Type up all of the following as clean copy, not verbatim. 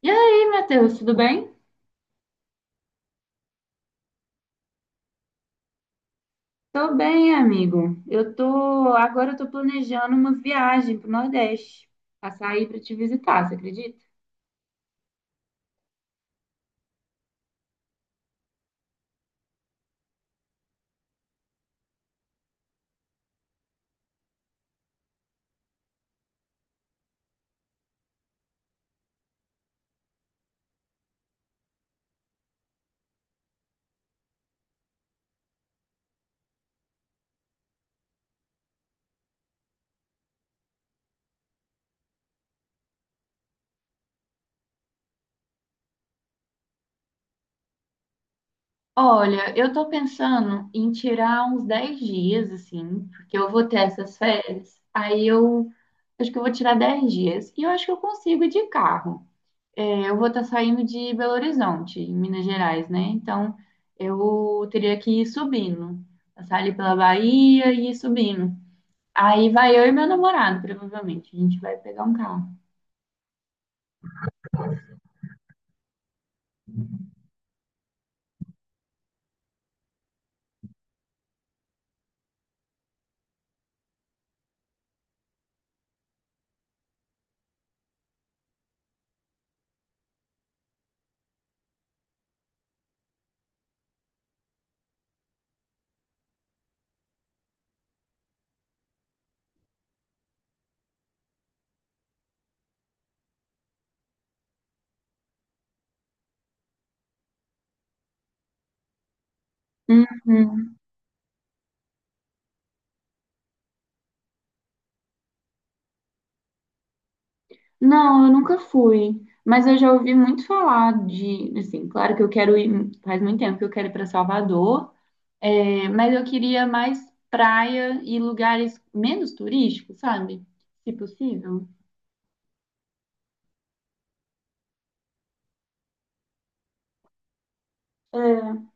E aí, Matheus, tudo bem? Tô bem, amigo. Agora eu tô planejando uma viagem pro Nordeste, passar aí pra te visitar, você acredita? Olha, eu tô pensando em tirar uns 10 dias, assim, porque eu vou ter essas férias. Aí eu acho que eu vou tirar 10 dias. E eu acho que eu consigo ir de carro. É, eu vou estar saindo de Belo Horizonte, em Minas Gerais, né? Então eu teria que ir subindo. Passar ali pela Bahia e ir subindo. Aí vai eu e meu namorado, provavelmente. A gente vai pegar um carro. Uhum. Não, eu nunca fui. Mas eu já ouvi muito falar de, assim, claro que eu quero ir, faz muito tempo que eu quero ir para Salvador, é, mas eu queria mais praia e lugares menos turísticos, sabe? Se possível. É,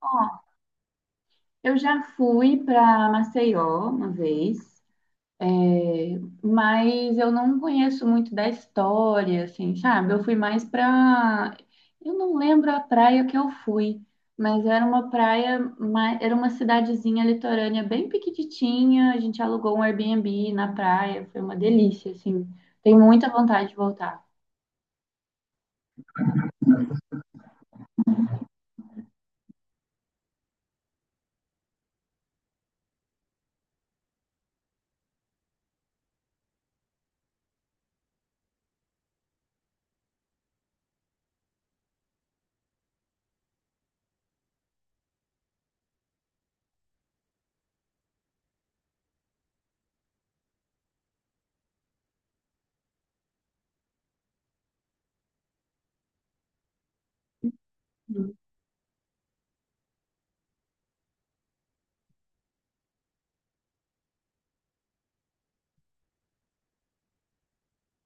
ó, eu já fui para Maceió uma vez. É, mas eu não conheço muito da história, assim, sabe? Eu fui mais pra. Eu não lembro a praia que eu fui, mas era uma praia, era uma cidadezinha litorânea bem pequititinha. A gente alugou um Airbnb na praia, foi uma delícia, assim. Tenho muita vontade de voltar.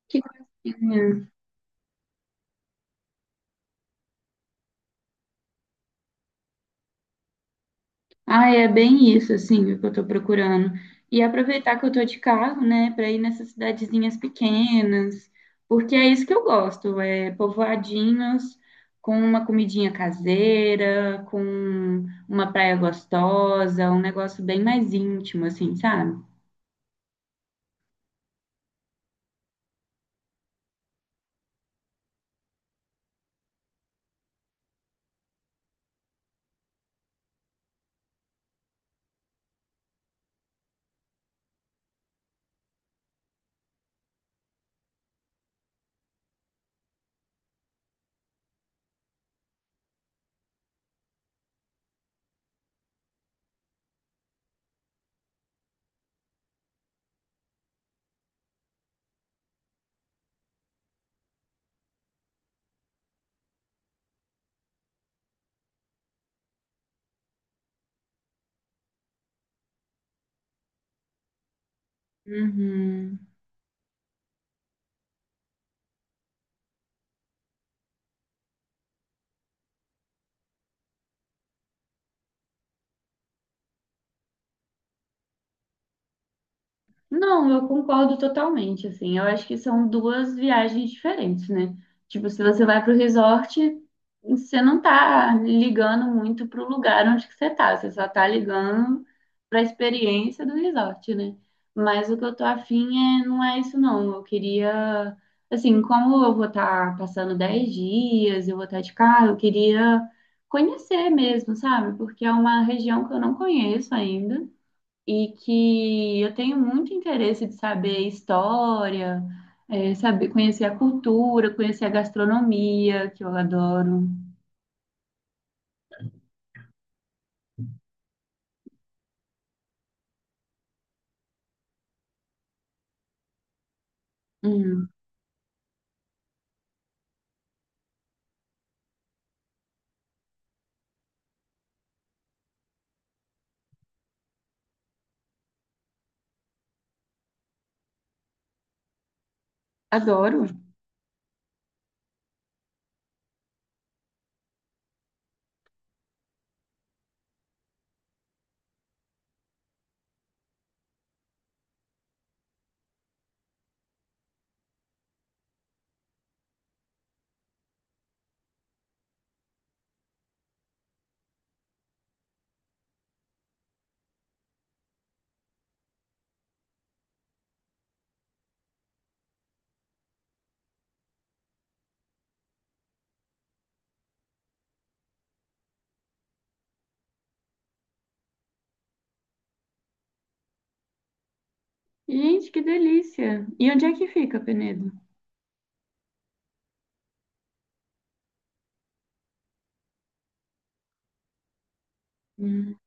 Que coisinha. Ah, é bem isso, assim, o que eu tô procurando. E aproveitar que eu tô de carro, né, para ir nessas cidadezinhas pequenas, porque é isso que eu gosto, é povoadinhos com uma comidinha caseira, com uma praia gostosa, um negócio bem mais íntimo, assim, sabe? Uhum. Não, eu concordo totalmente, assim. Eu acho que são duas viagens diferentes, né? Tipo, se você vai para o resort, você não tá ligando muito para o lugar onde que você tá, você só tá ligando para a experiência do resort, né? Mas o que eu tô afim é, não é isso não. Eu queria, assim, como eu vou estar passando 10 dias, eu vou estar de carro, eu queria conhecer mesmo, sabe? Porque é uma região que eu não conheço ainda e que eu tenho muito interesse de saber história, é, saber conhecer a cultura, conhecer a gastronomia, que eu adoro. Hum, adoro. Gente, que delícia! E onde é que fica, Penedo? Hum.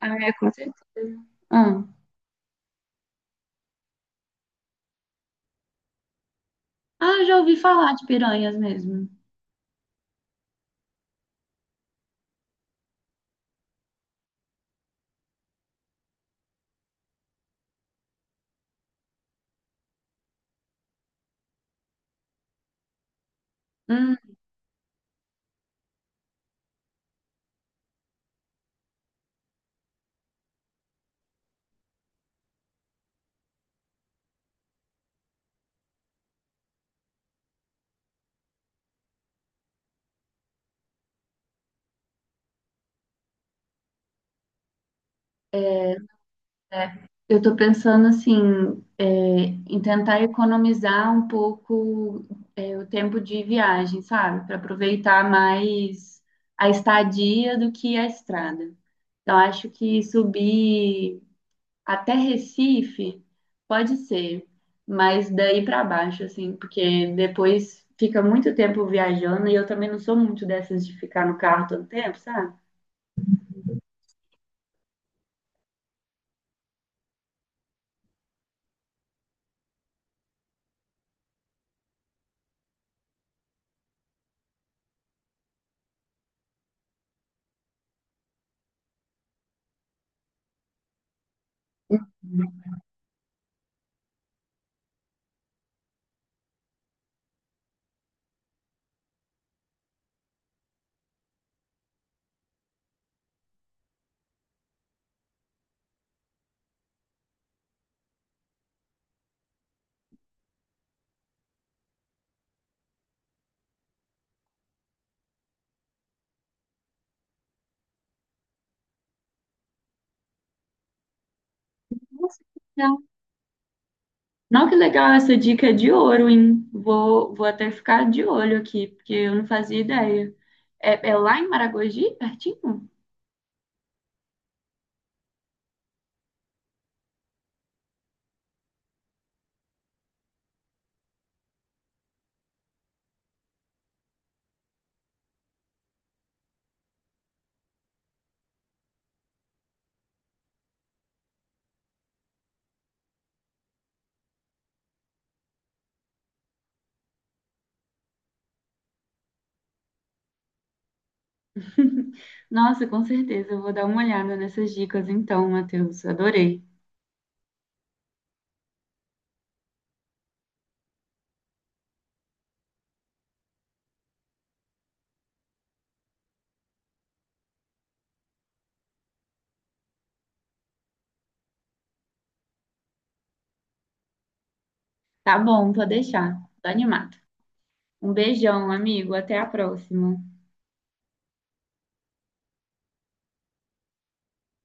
Ah, é, com certeza. Ah. Ah, já ouvi falar de piranhas mesmo. Hum. É, eu estou pensando assim, é, em tentar economizar um pouco é, o tempo de viagem, sabe? Para aproveitar mais a estadia do que a estrada. Então, acho que subir até Recife pode ser, mas daí para baixo, assim, porque depois fica muito tempo viajando e eu também não sou muito dessas de ficar no carro todo tempo, sabe? Nossa, não, que legal, essa dica é de ouro, hein? Vou até ficar de olho aqui, porque eu não fazia ideia. É, é lá em Maragogi, pertinho? Nossa, com certeza, eu vou dar uma olhada nessas dicas então, Matheus. Adorei. Tá bom, vou deixar. Tô animado. Um beijão, amigo. Até a próxima.